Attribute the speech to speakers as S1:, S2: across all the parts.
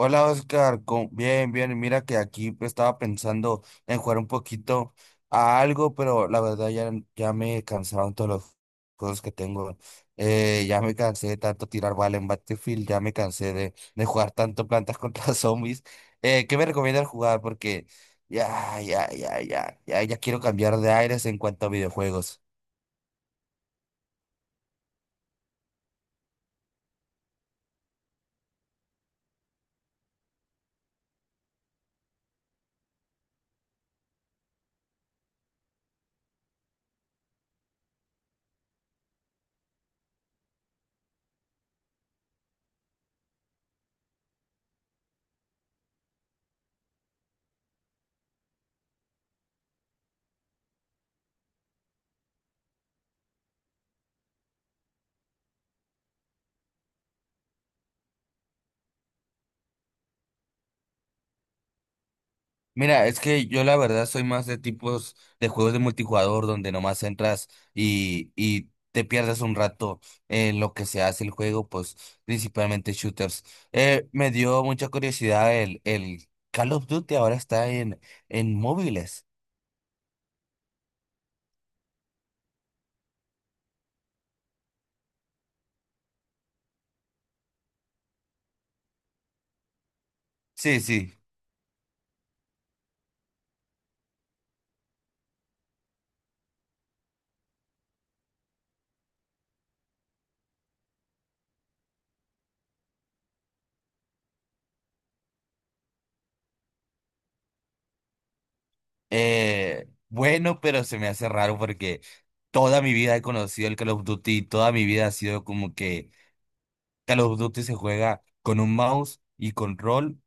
S1: Hola Oscar, bien, bien, mira que aquí estaba pensando en jugar un poquito a algo, pero la verdad ya me cansaron todos los juegos que tengo. Ya me cansé de tanto tirar bala en Battlefield, ya me cansé de jugar tanto plantas contra zombies. ¿Qué me recomiendas jugar? Porque ya quiero cambiar de aires en cuanto a videojuegos. Mira, es que yo la verdad soy más de tipos de juegos de multijugador donde nomás entras y te pierdes un rato en lo que se hace el juego, pues principalmente shooters. Me dio mucha curiosidad el Call of Duty ahora está en móviles. Sí, sí. Bueno, pero se me hace raro porque toda mi vida he conocido el Call of Duty y toda mi vida ha sido como que Call of Duty se juega con un mouse y control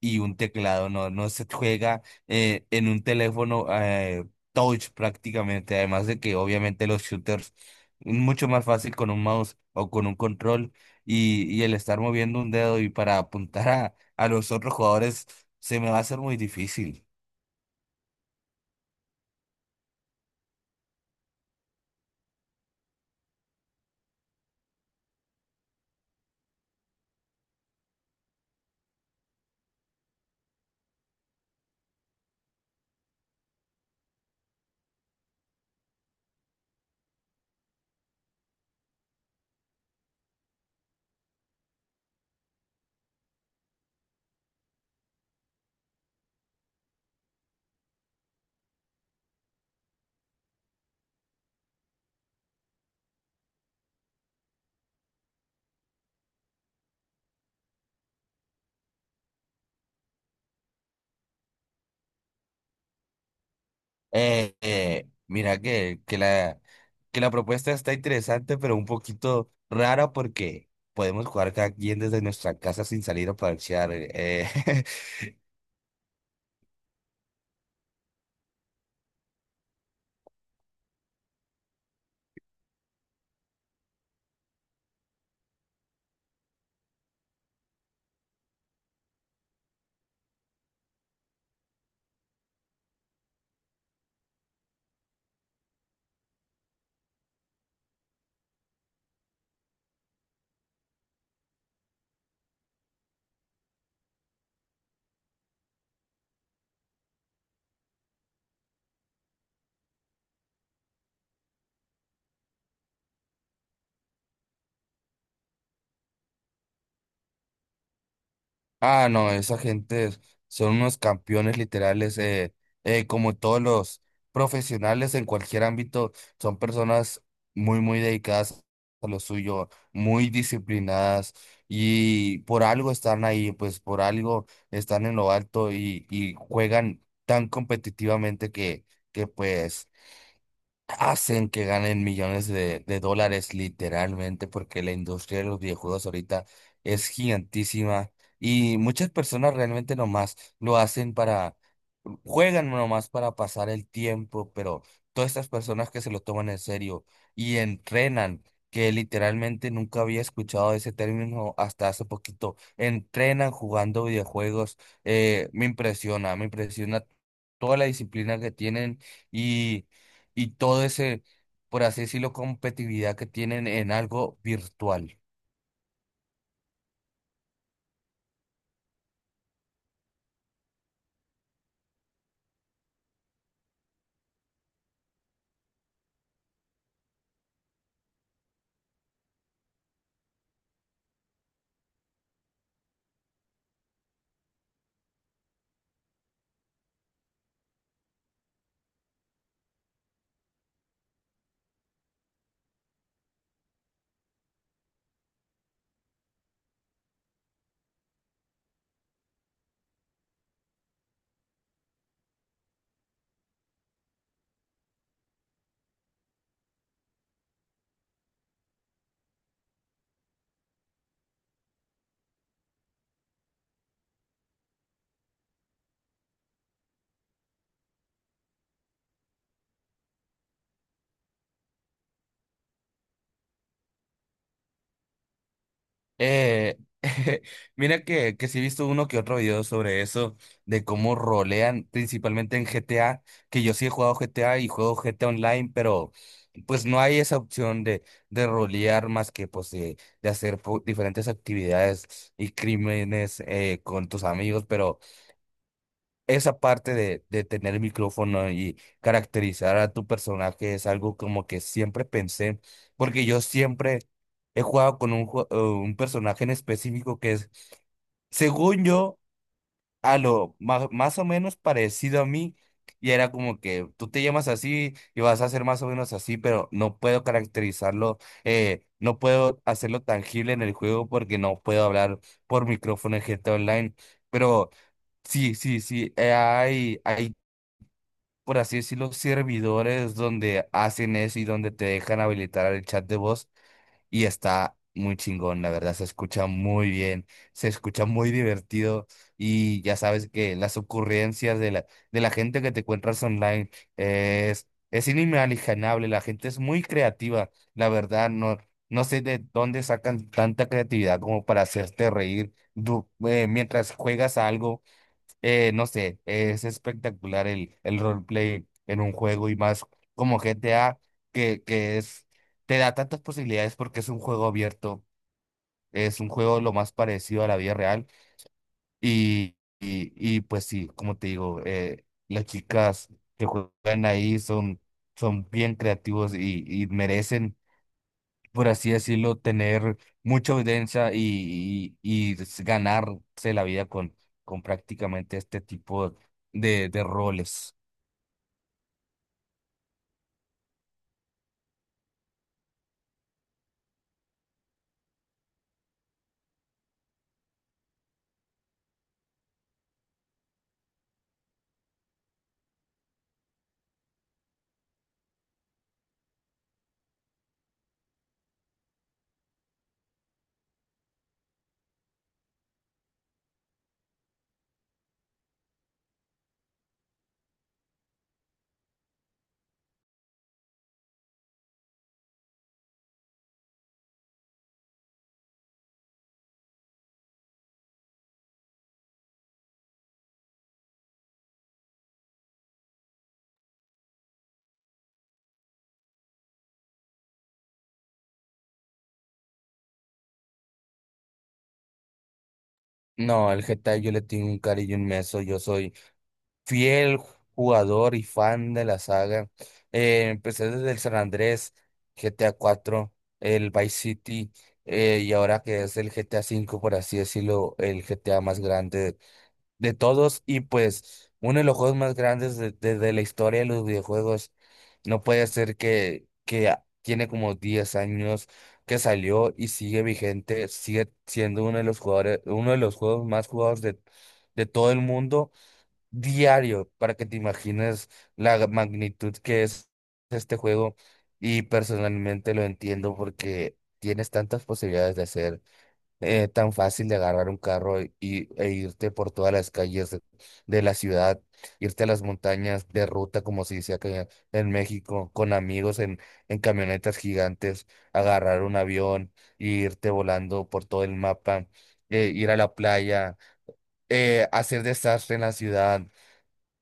S1: y un teclado, no se juega en un teléfono, touch prácticamente, además de que obviamente los shooters mucho más fácil con un mouse o con un control y el estar moviendo un dedo y para apuntar a los otros jugadores se me va a hacer muy difícil. Mira que la propuesta está interesante, pero un poquito rara porque podemos jugar cada quien desde nuestra casa sin salir a parchear. Ah, no, esa gente son unos campeones literales, como todos los profesionales en cualquier ámbito, son personas muy, muy dedicadas a lo suyo, muy disciplinadas y por algo están ahí, pues por algo están en lo alto y juegan tan competitivamente que pues hacen que ganen millones de dólares literalmente porque la industria de los videojuegos ahorita es gigantísima y muchas personas realmente nomás lo hacen para, juegan nomás para pasar el tiempo, pero todas estas personas que se lo toman en serio y entrenan, que literalmente nunca había escuchado ese término hasta hace poquito, entrenan jugando videojuegos. Me impresiona, me impresiona toda la disciplina que tienen. Y y todo ese, por así decirlo, competitividad que tienen en algo virtual. Eh, Mira que sí he visto uno que otro video sobre eso, de cómo rolean, principalmente en GTA, que yo sí he jugado GTA y juego GTA Online, pero pues no hay esa opción de rolear más que pues de hacer diferentes actividades y crímenes con tus amigos, pero esa parte de tener el micrófono y caracterizar a tu personaje es algo como que siempre pensé, porque yo siempre he jugado con un personaje en específico que es, según yo, a lo más, más o menos parecido a mí, y era como que tú te llamas así y vas a ser más o menos así, pero no puedo caracterizarlo. No puedo hacerlo tangible en el juego porque no puedo hablar por micrófono en GTA Online, pero... Sí, sí, sí. Hay, por así decirlo, servidores donde hacen eso y donde te dejan habilitar el chat de voz y está muy chingón, la verdad, se escucha muy bien, se escucha muy divertido y ya sabes que las ocurrencias de de la gente que te encuentras online es inimaginable. La gente es muy creativa, la verdad. No, no sé de dónde sacan tanta creatividad como para hacerte reír mientras juegas a algo. No sé, es espectacular el roleplay en un juego y más como GTA, que es, te da tantas posibilidades porque es un juego abierto, es un juego lo más parecido a la vida real y pues sí, como te digo, las chicas que juegan ahí son, son bien creativos y merecen, por así decirlo, tener mucha audiencia ganarse la vida con prácticamente este tipo de roles. No, al Getafe yo le tengo un cariño inmenso, yo soy fiel jugador y fan de la saga. Empecé desde el San Andrés, GTA cuatro, el Vice City, y ahora que es el GTA cinco, por así decirlo, el GTA más grande de todos y pues uno de los juegos más grandes de la historia de los videojuegos. No puede ser que, tiene como 10 años que salió y sigue vigente, sigue siendo uno de los jugadores, uno de los juegos más jugados de todo el mundo diario, para que te imagines la magnitud que es este juego. Y personalmente lo entiendo porque tienes tantas posibilidades de hacer. Tan fácil de agarrar un carro e irte por todas las calles de la ciudad, irte a las montañas de ruta, como se dice acá en México, con amigos en camionetas gigantes, agarrar un avión e irte volando por todo el mapa, ir a la playa, hacer desastre en la ciudad.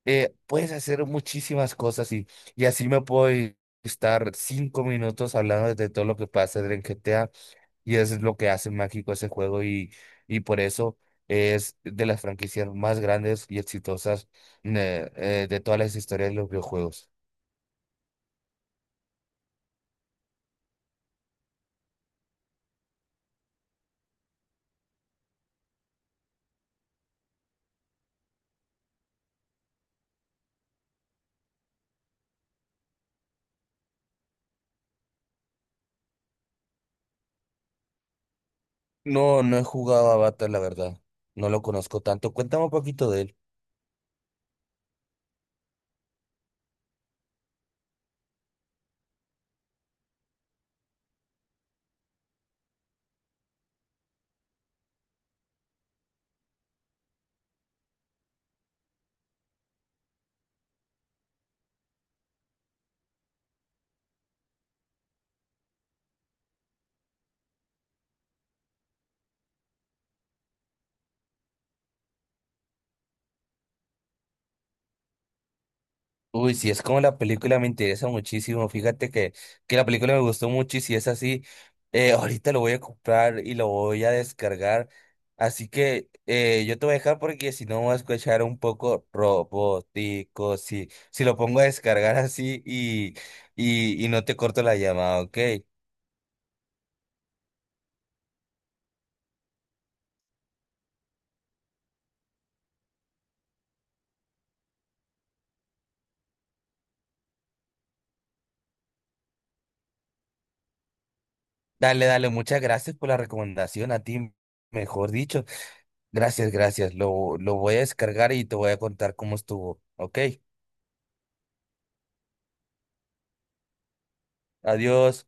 S1: Puedes hacer muchísimas cosas y así estar 5 minutos hablando de todo lo que pasa en GTA y eso es lo que hace mágico ese juego y por eso es de las franquicias más grandes y exitosas. De todas las historias de los videojuegos. No, no he jugado a Avatar, la verdad. No lo conozco tanto. Cuéntame un poquito de él. Uy, si es como la película me interesa muchísimo. Fíjate que la película me gustó mucho y si es así, ahorita lo voy a comprar y lo voy a descargar. Así que yo te voy a dejar porque si no voy a escuchar un poco robótico. Si, si lo pongo a descargar así y no te corto la llamada, ¿ok? Dale, dale, muchas gracias por la recomendación a ti, mejor dicho. Gracias, gracias. Lo voy a descargar y te voy a contar cómo estuvo, ¿ok? Adiós.